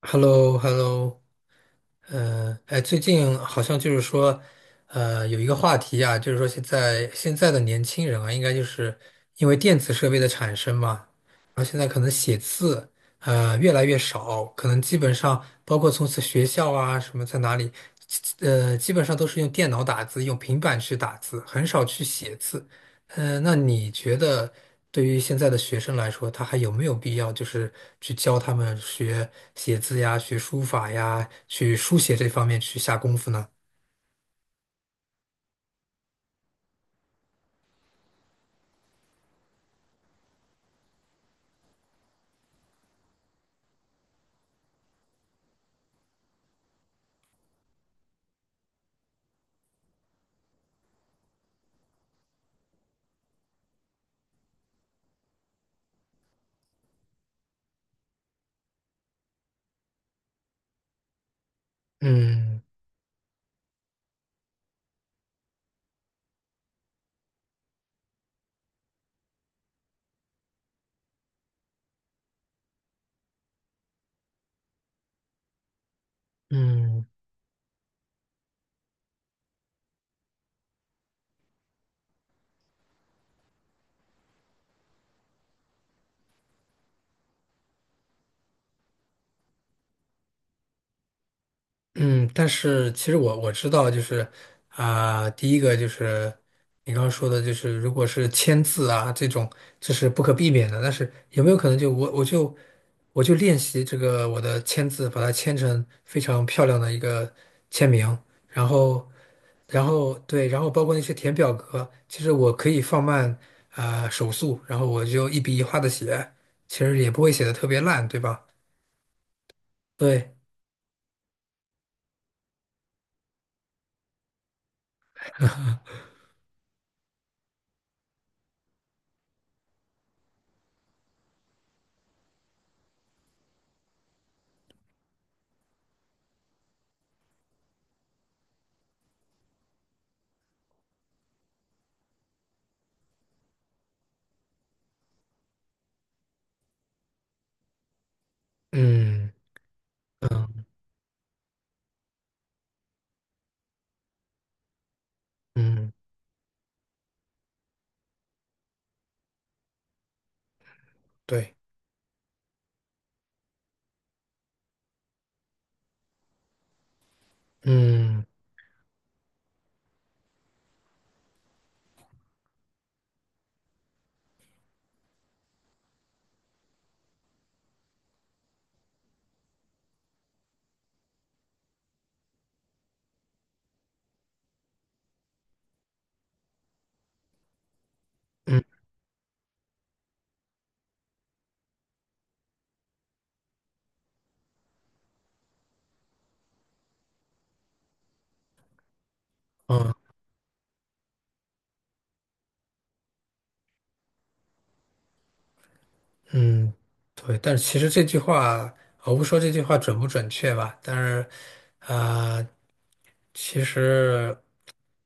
h e l l o h e l l o。 哎，最近好像就是说，有一个话题啊，就是说现在的年轻人啊，应该就是因为电子设备的产生嘛，然后现在可能写字越来越少，可能基本上包括从此学校啊什么在哪里，基本上都是用电脑打字，用平板去打字，很少去写字。那你觉得对于现在的学生来说，他还有没有必要就是去教他们学写字呀、学书法呀、去书写这方面去下功夫呢？嗯嗯，嗯，但是其实我知道，就是啊、第一个就是你刚刚说的，就是如果是签字啊这种，这是不可避免的。但是有没有可能就我我就我就练习这个我的签字，把它签成非常漂亮的一个签名，然后然后对，然后包括那些填表格，其实我可以放慢啊、手速，然后我就一笔一画的写，其实也不会写的特别烂，对吧？对，嗯嗯嗯，对。嗯嗯嗯嗯，对，但是其实这句话，我不说这句话准不准确吧，但是，啊，其实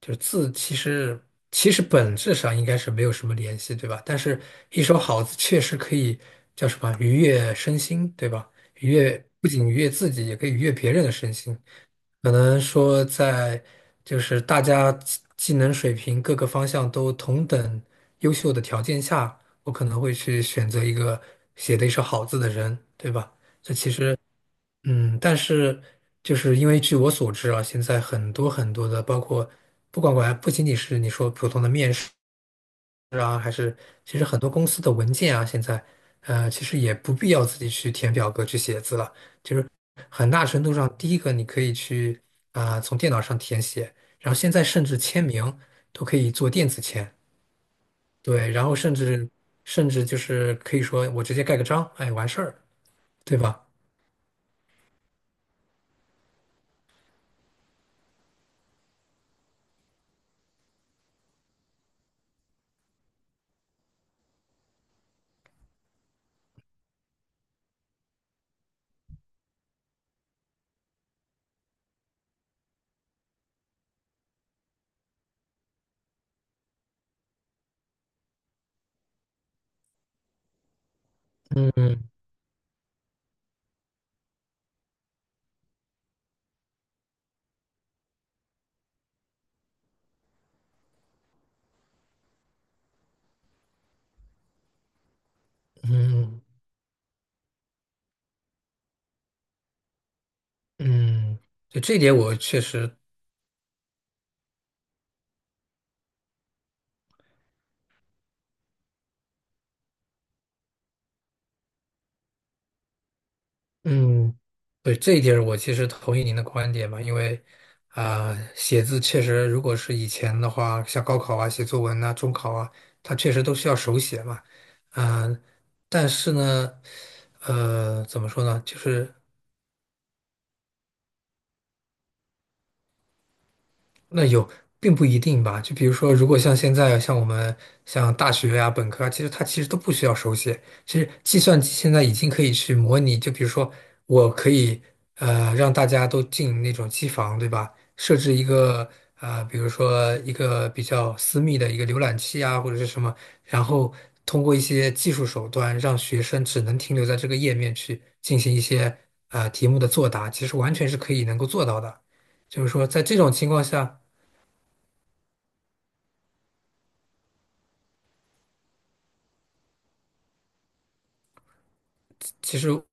就字，其实本质上应该是没有什么联系，对吧？但是一手好字确实可以叫什么愉悦身心，对吧？愉悦不仅愉悦自己，也可以愉悦别人的身心。可能说在就是大家技能水平各个方向都同等优秀的条件下，我可能会去选择一个写的一手好字的人，对吧？这其实，但是就是因为据我所知啊，现在很多很多的，包括不管管不仅仅是你说普通的面试啊，还是其实很多公司的文件啊，现在其实也不必要自己去填表格去写字了。很大程度上，第一个你可以去啊、从电脑上填写，然后现在甚至签名都可以做电子签，对，然后甚至就是可以说我直接盖个章，哎，完事儿，对吧？嗯嗯嗯，对，这一点我确实，嗯，对，这一点我其实同意您的观点嘛，因为啊、写字确实如果是以前的话，像高考啊、写作文啊、中考啊，它确实都需要手写嘛，嗯、但是呢。怎么说呢？就是那有，并不一定吧。就比如说，如果像现在，像我们像大学呀、本科啊，其实它其实都不需要手写。其实计算机现在已经可以去模拟，就比如说，我可以让大家都进那种机房，对吧？设置一个比如说一个比较私密的一个浏览器啊，或者是什么，然后通过一些技术手段，让学生只能停留在这个页面去进行一些题目的作答，其实完全是可以能够做到的。就是说，在这种情况下。就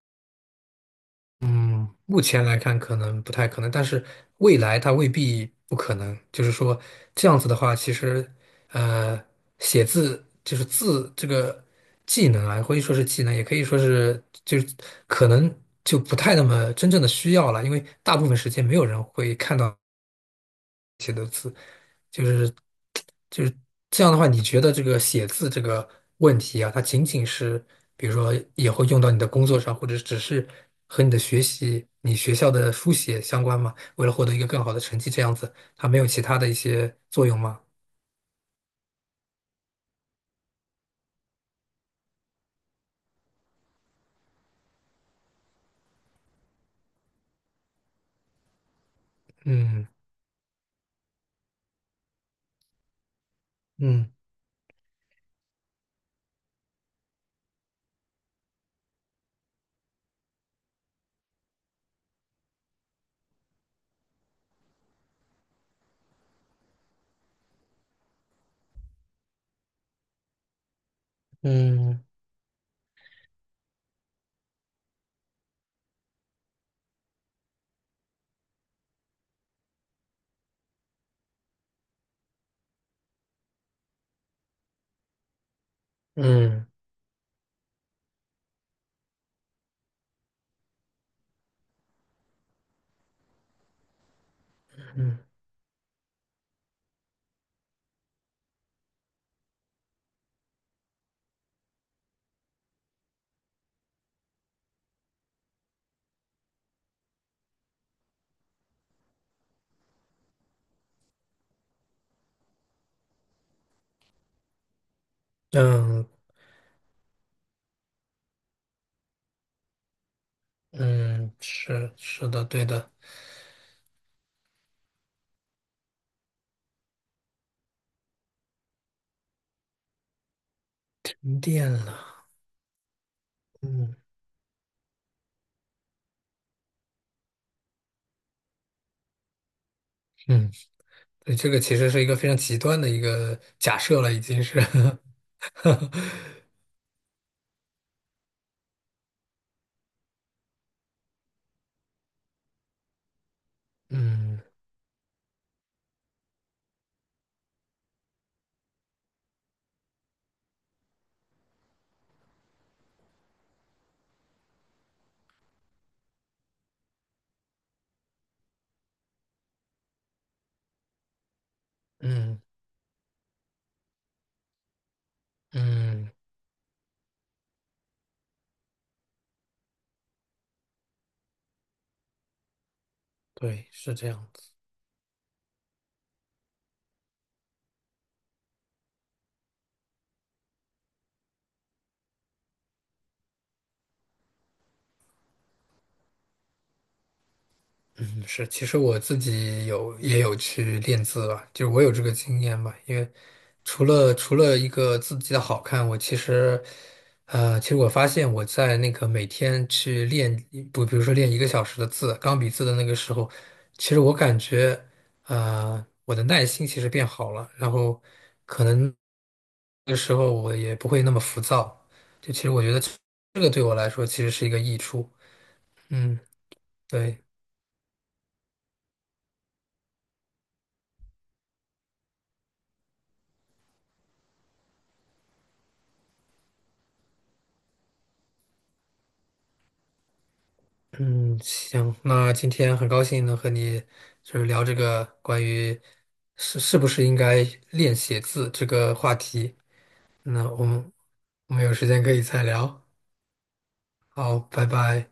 目前来看可能不太可能，但是未来它未必不可能。就是说这样子的话，其实呃，写字就是字这个技能啊，可以说是技能，也可以说是就是可能就不太那么真正的需要了，因为大部分时间没有人会看到。就是就是这样的话，你觉得这个写字这个问题啊，它仅仅是比如说以后用到你的工作上，或者只是和你的学习、你学校的书写相关吗？为了获得一个更好的成绩，这样子，它没有其他的一些作用吗？嗯嗯嗯嗯嗯嗯嗯，是是的，对的，停电了，嗯嗯，对，这个其实是一个非常极端的一个假设了，已经是，嗯。嗯嗯，对，是这样子。嗯是，其实我自己也有去练字吧，就是我有这个经验吧。因为除了一个字迹的好看，我其实，其实我发现我在那个每天去练，不，比如说练一个小时的字，钢笔字的那个时候，其实我感觉，我的耐心其实变好了，然后可能那个时候我也不会那么浮躁。就其实我觉得这个对我来说其实是一个益处。嗯，对，嗯，行，那今天很高兴能和你就是聊这个关于是不是应该练写字这个话题。那我们有时间可以再聊。好，拜拜。